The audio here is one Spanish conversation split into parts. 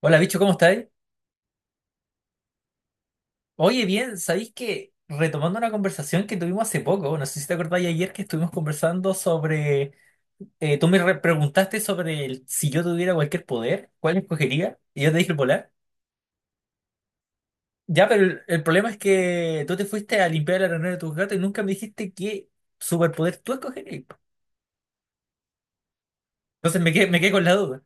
Hola, bicho, ¿cómo estáis? Oye, bien, ¿sabéis que retomando una conversación que tuvimos hace poco, no sé si te acordáis ayer que estuvimos conversando sobre, tú preguntaste sobre si yo tuviera cualquier poder, ¿cuál escogería? Y yo te dije el volar. Ya, pero el problema es que tú te fuiste a limpiar la arenero de tus gatos y nunca me dijiste qué superpoder tú escogerías. Entonces me quedé con la duda.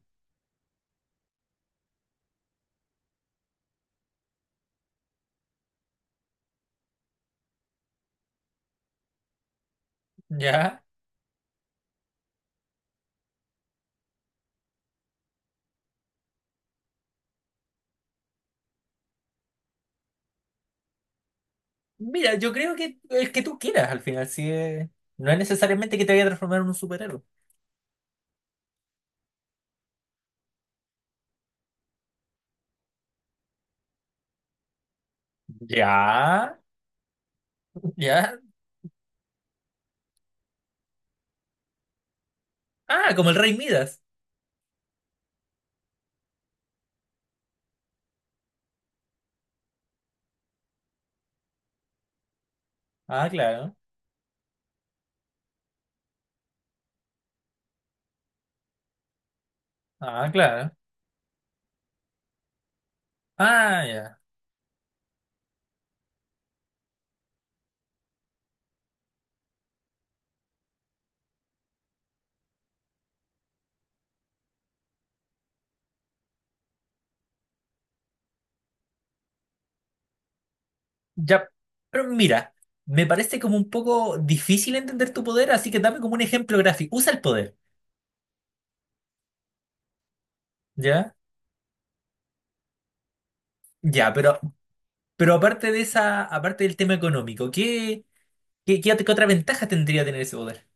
Ya. Mira, yo creo que el que tú quieras al final, no es necesariamente que te vaya a transformar en un superhéroe. Ya, ya. Ah, como el rey Midas. Ah, claro. Ah, claro. Ah, ya. Ya. Pero mira, me parece como un poco difícil entender tu poder, así que dame como un ejemplo gráfico. Usa el poder. ¿Ya? Ya, pero aparte de esa, aparte del tema económico, ¿qué otra ventaja tendría tener ese poder?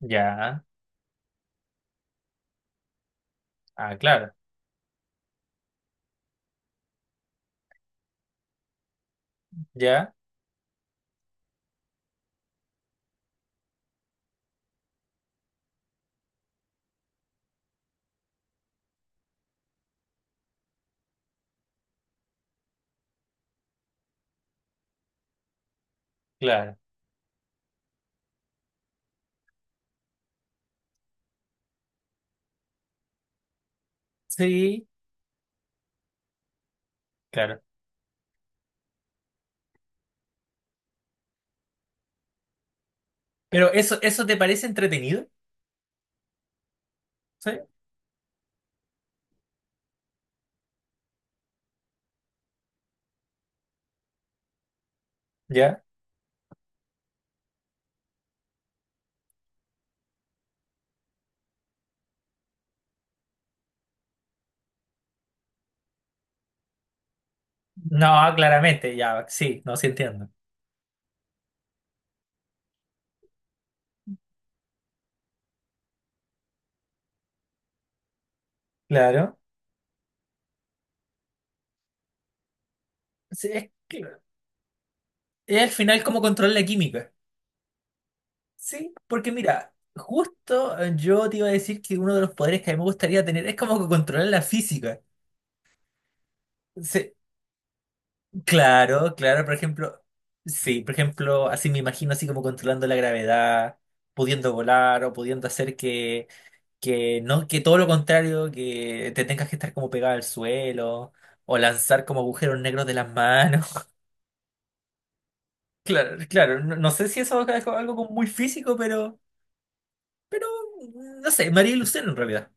Ya. Ah, claro. Ya, claro. Sí, claro. Pero eso, ¿eso te parece entretenido? ¿Sí? ¿Ya? No, claramente, ya, sí, no, sí entiendo. Claro. Sí, es claro. Es al final como controlar la química. Sí, porque mira, justo yo te iba a decir que uno de los poderes que a mí me gustaría tener es como que controlar la física. Sí, claro, claro, por ejemplo, sí, por ejemplo, así me imagino así como controlando la gravedad, pudiendo volar o pudiendo hacer que no, que todo lo contrario, que te tengas que estar como pegado al suelo o lanzar como agujeros negros de las manos. Claro, claro, no, no sé si eso es algo como muy físico, pero... Pero, no sé, María y Lucero en realidad.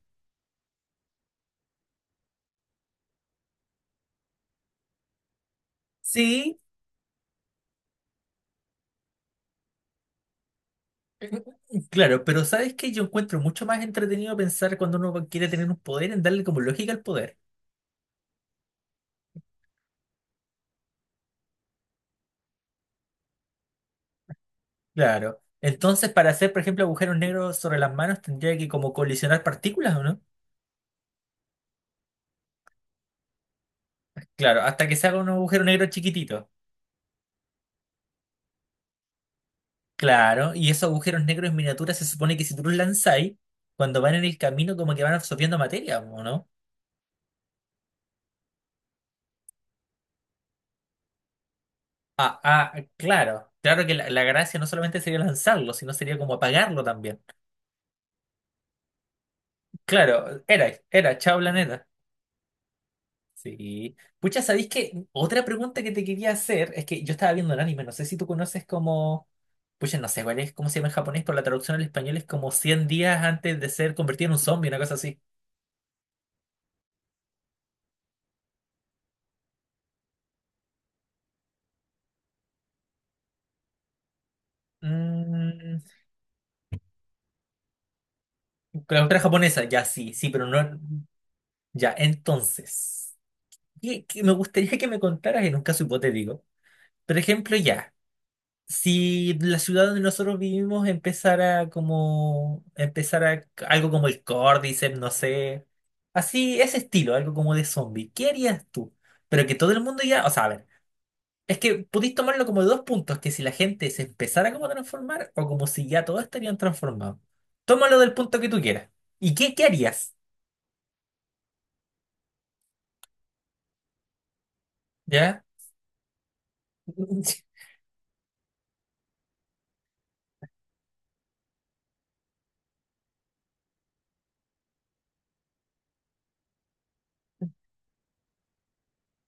Sí, claro, pero ¿sabes qué? Yo encuentro mucho más entretenido pensar cuando uno quiere tener un poder en darle como lógica al poder. Claro. Entonces, para hacer, por ejemplo, agujeros negros sobre las manos, tendría que como colisionar partículas, ¿o no? Claro, hasta que se haga un agujero negro chiquitito. Claro, y esos agujeros negros en miniatura se supone que si tú los lanzáis, cuando van en el camino como que van absorbiendo materia, ¿o no? Ah, ah, claro. Claro que la gracia no solamente sería lanzarlo, sino sería como apagarlo también. Claro, era, chao planeta. Sí. Pucha, ¿sabéis que otra pregunta que te quería hacer es que yo estaba viendo el anime, no sé si tú conoces como, pucha, no sé cuál es, cómo se llama en japonés, pero la traducción al español es como 100 días antes de ser convertido en un zombie, una cosa así. Mm, la cultura japonesa, ya sí, sí, pero no, ya, entonces, me gustaría que me contaras en un caso hipotético. Por ejemplo, ya. Si la ciudad donde nosotros vivimos empezara como, empezara algo como el Cordyceps, no sé, así, ese estilo, algo como de zombie, ¿qué harías tú? Pero que todo el mundo ya, o sea, a ver, es que pudiste tomarlo como de dos puntos, que si la gente se empezara como a transformar o como si ya todos estarían transformados. Tómalo del punto que tú quieras. ¿Y qué harías? ¿Ya?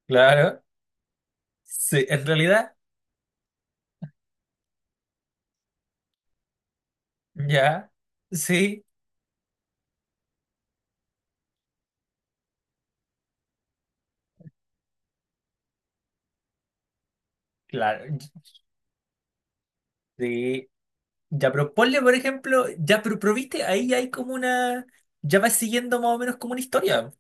Claro. Sí, en realidad, ya. Sí, claro. Sí. Ya, pero ponle, por ejemplo, ya, pero viste, ahí hay como una. Ya vas siguiendo más o menos como una historia.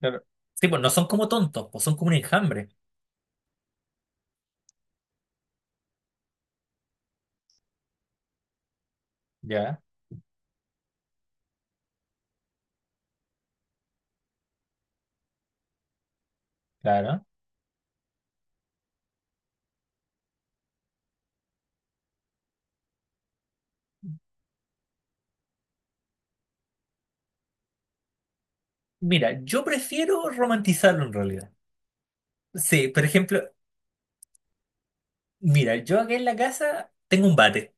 Claro. Sí, pues no son como tontos, pues son como un enjambre. Ya, claro. Mira, yo prefiero romantizarlo en realidad. Sí, por ejemplo, mira, yo aquí en la casa tengo un bate.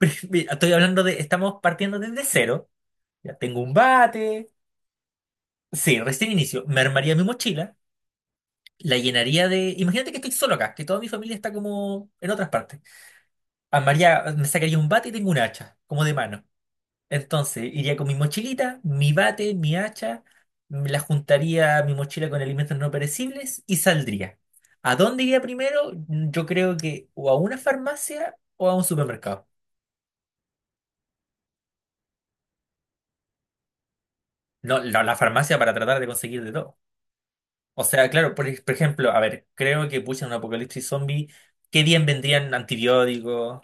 Mira, estoy hablando de, estamos partiendo desde cero. Ya tengo un bate. Sí, recién inicio. Me armaría mi mochila, la llenaría de. Imagínate que estoy solo acá, que toda mi familia está como en otras partes. Armaría, me sacaría un bate y tengo un hacha, como de mano. Entonces, iría con mi mochilita, mi bate, mi hacha, me la juntaría a mi mochila con alimentos no perecibles y saldría. ¿A dónde iría primero? Yo creo que o a una farmacia o a un supermercado. No, la farmacia para tratar de conseguir de todo. O sea, claro, por ejemplo, a ver, creo que pucha, en un apocalipsis zombie, qué bien vendrían antibióticos.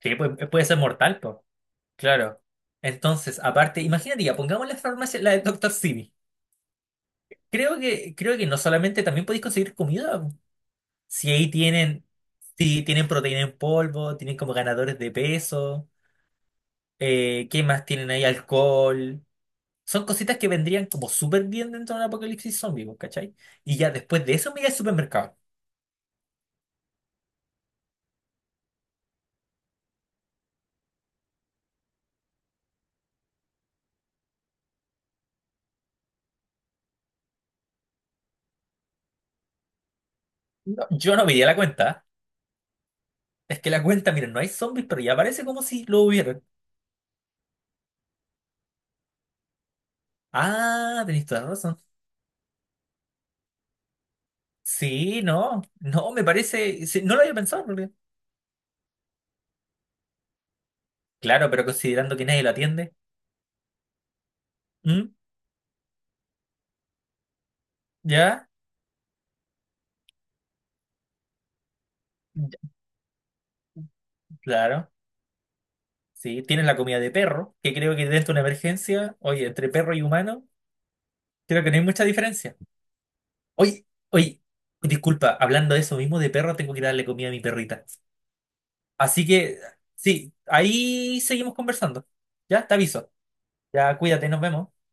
Sí, puede ser mortal, pues. Claro. Entonces, aparte, imagínate, ya, pongamos la farmacia, la del doctor Simi. Creo que no solamente también podéis conseguir comida. Po. Si ahí tienen, si tienen proteína en polvo, tienen como ganadores de peso, ¿qué más tienen ahí? Alcohol. Son cositas que vendrían como súper bien dentro de un apocalipsis zombie, po, ¿cachai? Y ya después de eso me iría al supermercado. No, yo no diría la cuenta. Es que la cuenta, miren, no hay zombies, pero ya parece como si lo hubieran. Ah, tenéis toda la razón. Sí, no, no, me parece. Sí, no lo había pensado, en realidad. Claro, pero considerando que nadie lo atiende. ¿Mm? ¿Ya? Claro, sí. Tienes la comida de perro, que creo que dentro de una emergencia, oye, entre perro y humano, creo que no hay mucha diferencia. Oye, oye, disculpa, hablando de eso mismo de perro, tengo que darle comida a mi perrita. Así que, sí, ahí seguimos conversando. Ya, te aviso. Ya, cuídate, nos vemos.